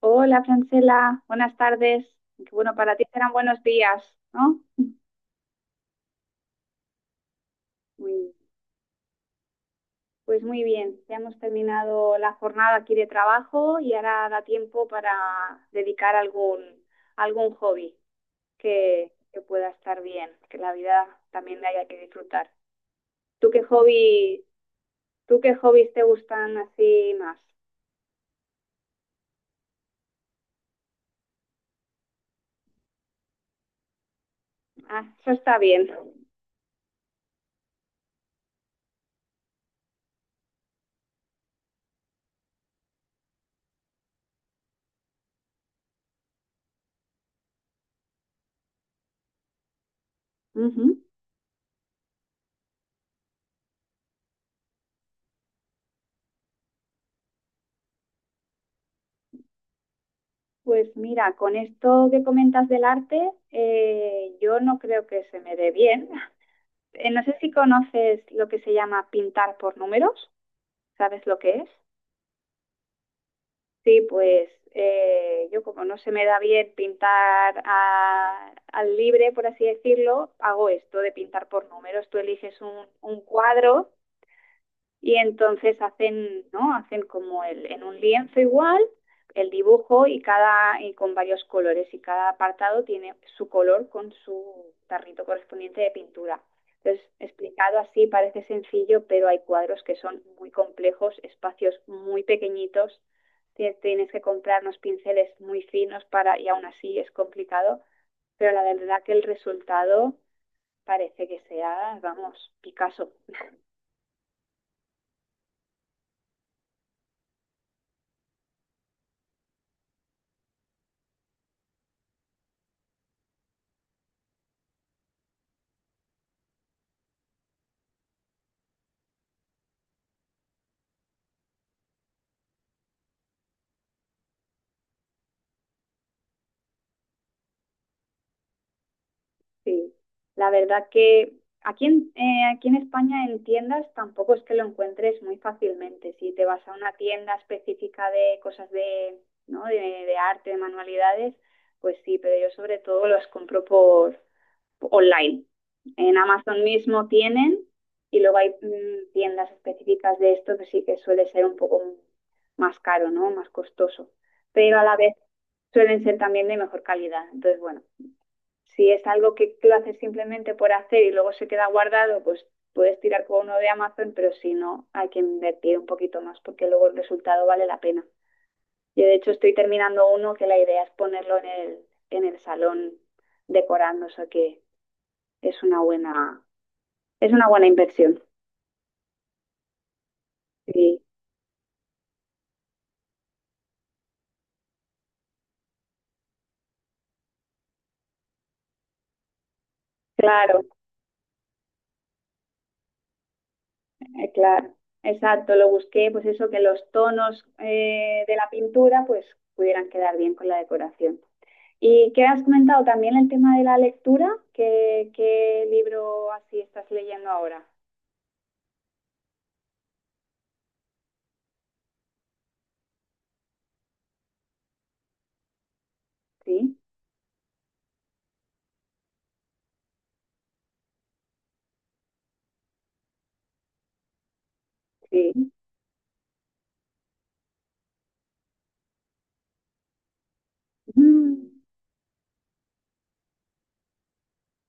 Hola, Francela, buenas tardes. Aunque, bueno, para ti serán buenos días, ¿no? Muy- pues muy bien, ya hemos terminado la jornada aquí de trabajo y ahora da tiempo para dedicar algún, algún hobby que, pueda estar bien, que la vida también la haya que disfrutar. ¿Tú qué hobby, tú qué hobbies te gustan así más? Ah, eso está bien. Ujú. Pues mira, con esto que comentas del arte, yo no creo que se me dé bien. No sé si conoces lo que se llama pintar por números, ¿sabes lo que es? Sí, pues yo como no se me da bien pintar a- al libre, por así decirlo, hago esto de pintar por números. Tú eliges un cuadro. Y entonces hacen, ¿no? Hacen como el, en un lienzo igual el dibujo y cada y con varios colores y cada apartado tiene su color con su tarrito correspondiente de pintura. Entonces, explicado así parece sencillo, pero hay cuadros que son muy complejos, espacios muy pequeñitos, tienes que comprar unos pinceles muy finos para y aún así es complicado, pero la verdad que el resultado parece que sea, vamos, Picasso. Sí, la verdad que aquí en, aquí en España en tiendas tampoco es que lo encuentres muy fácilmente. Si te vas a una tienda específica de cosas de, ¿no? De arte, de manualidades, pues sí, pero yo sobre todo los compro por online. En Amazon mismo tienen y luego hay tiendas específicas de esto que sí que suele ser un poco más caro, ¿no? Más costoso, pero a la vez suelen ser también de mejor calidad. Entonces, bueno. Si es algo que lo haces simplemente por hacer y luego se queda guardado, pues puedes tirar con uno de Amazon, pero si no, hay que invertir un poquito más porque luego el resultado vale la pena. Yo de hecho estoy terminando uno que la idea es ponerlo en el salón decorando, o sea que es una buena, es una buena inversión. Sí, claro, claro. Exacto, lo busqué, pues eso, que los tonos de la pintura pues pudieran quedar bien con la decoración. ¿Y qué has comentado también el tema de la lectura? ¿Qué, qué libro así estás leyendo ahora? Sí, sí. Mm.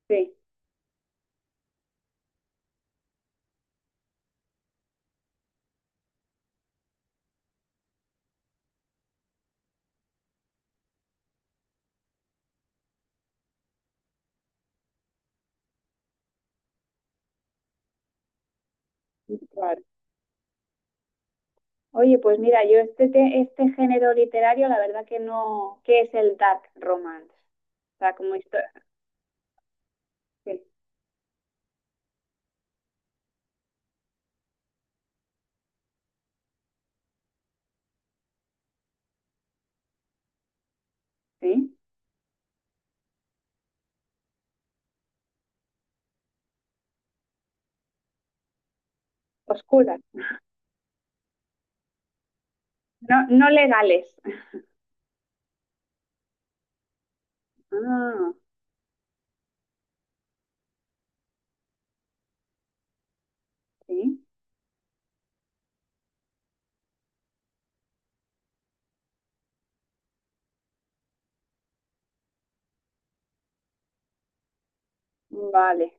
Sí. Claro. Oye, pues mira, yo este, te- este género literario, la verdad que no, ¿qué es el dark romance? O sea, como historia, sí, sí. Oscuras, no, no legales. Ah, sí. Vale,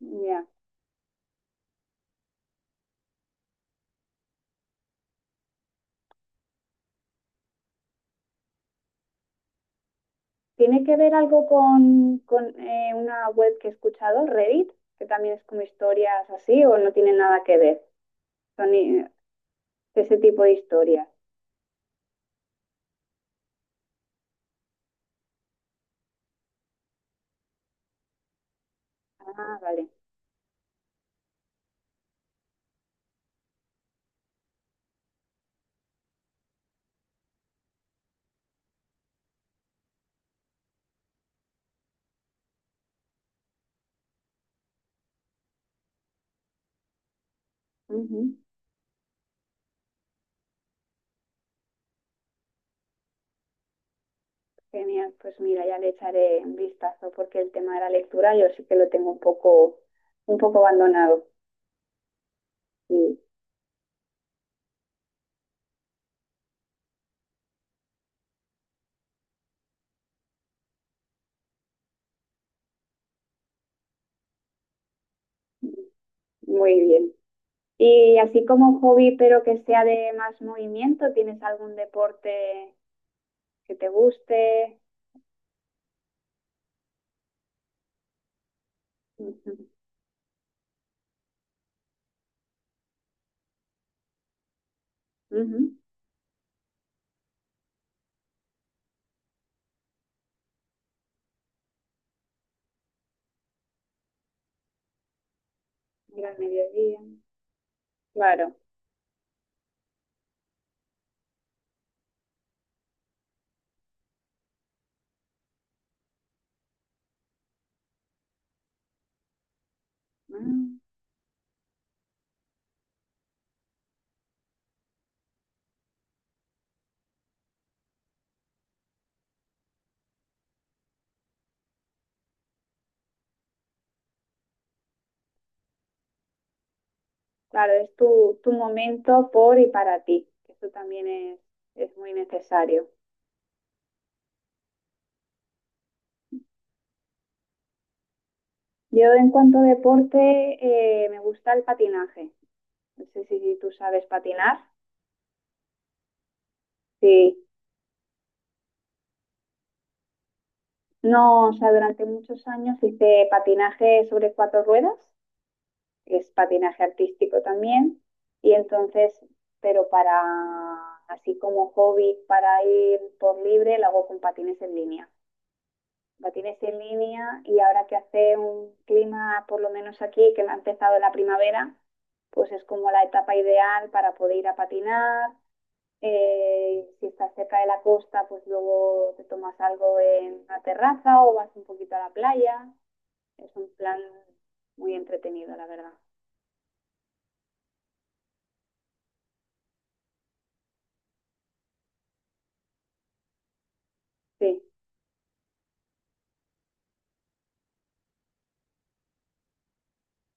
ya. ¿Tiene que ver algo con una web que he escuchado, Reddit, que también es como historias así, o no tiene nada que ver? Son ese tipo de historias. Ah, vale. Ujú. Genial, pues mira, ya le echaré un vistazo porque el tema de la lectura yo sí que lo tengo un poco abandonado. Y- muy bien. Y así como hobby, pero que sea de más movimiento, ¿tienes algún deporte que te guste? Ujú. Ujú. Ir al mediodía. Claro. Mm, claro, es tu, tu momento por y para ti, que eso también es muy necesario. Yo en cuanto a deporte, me gusta el patinaje. No sé si, si tú sabes patinar. Sí, no, o sea, durante muchos años hice patinaje sobre cuatro ruedas, que es patinaje artístico también, y entonces, pero para, así como hobby, para ir por libre, lo hago con patines en línea. La tienes en línea y ahora que hace un clima, por lo menos aquí, que me ha empezado la primavera, pues es como la etapa ideal para poder ir a patinar. Si estás cerca de la costa, pues luego te tomas algo en una terraza o vas un poquito a la playa. Es un plan muy entretenido, la verdad. Sí.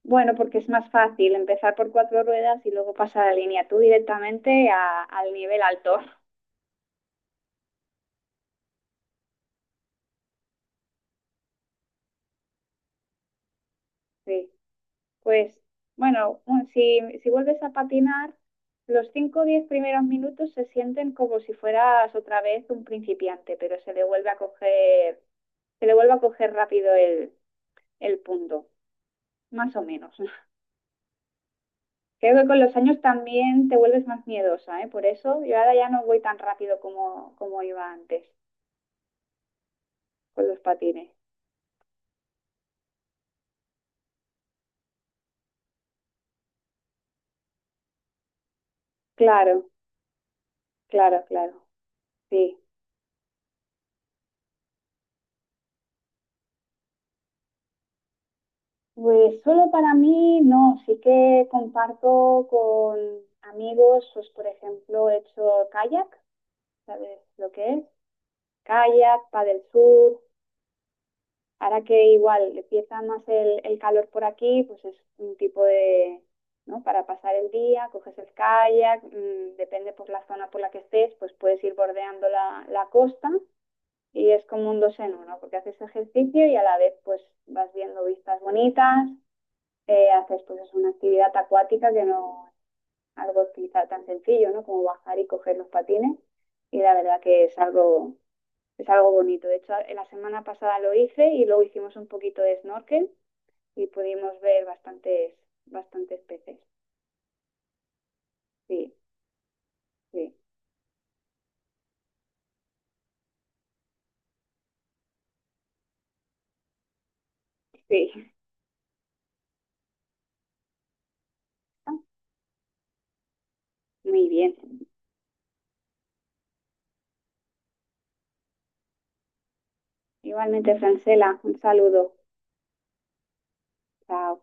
Bueno, porque es más fácil empezar por cuatro ruedas y luego pasar a la línea tú directamente a- al nivel alto. Sí. Pues bueno, un- si, si vuelves a patinar, los 5 o 10 primeros minutos se sienten como si fueras otra vez un principiante, pero se le vuelve a coger, se le vuelve a coger rápido el punto, más o menos. Creo que con los años también te vuelves más miedosa, ¿eh? Por eso yo ahora ya no voy tan rápido como, como iba antes con los patines. Claro, claro, claro. Sí. Pues solo para mí no, sí que comparto con amigos, pues por ejemplo he hecho kayak, ¿sabes lo que es? Kayak, paddle surf. Ahora que igual empieza más el calor por aquí, pues es un tipo de, ¿no? Para pasar el día, coges el kayak, depende por la zona por la que estés, pues puedes ir bordeando la, la costa y es como un dos en uno, porque haces ejercicio y a la vez pues vas viendo vistas bonitas haces pues es una actividad acuática que no es algo quizá tan sencillo, ¿no? Como bajar y coger los patines y la verdad que es algo bonito. De hecho, la semana pasada lo hice y luego hicimos un poquito de snorkel y pudimos ver bastantes bastantes peces. Sí, sí, sí. Muy bien. Igualmente, Francela, un saludo. Chao.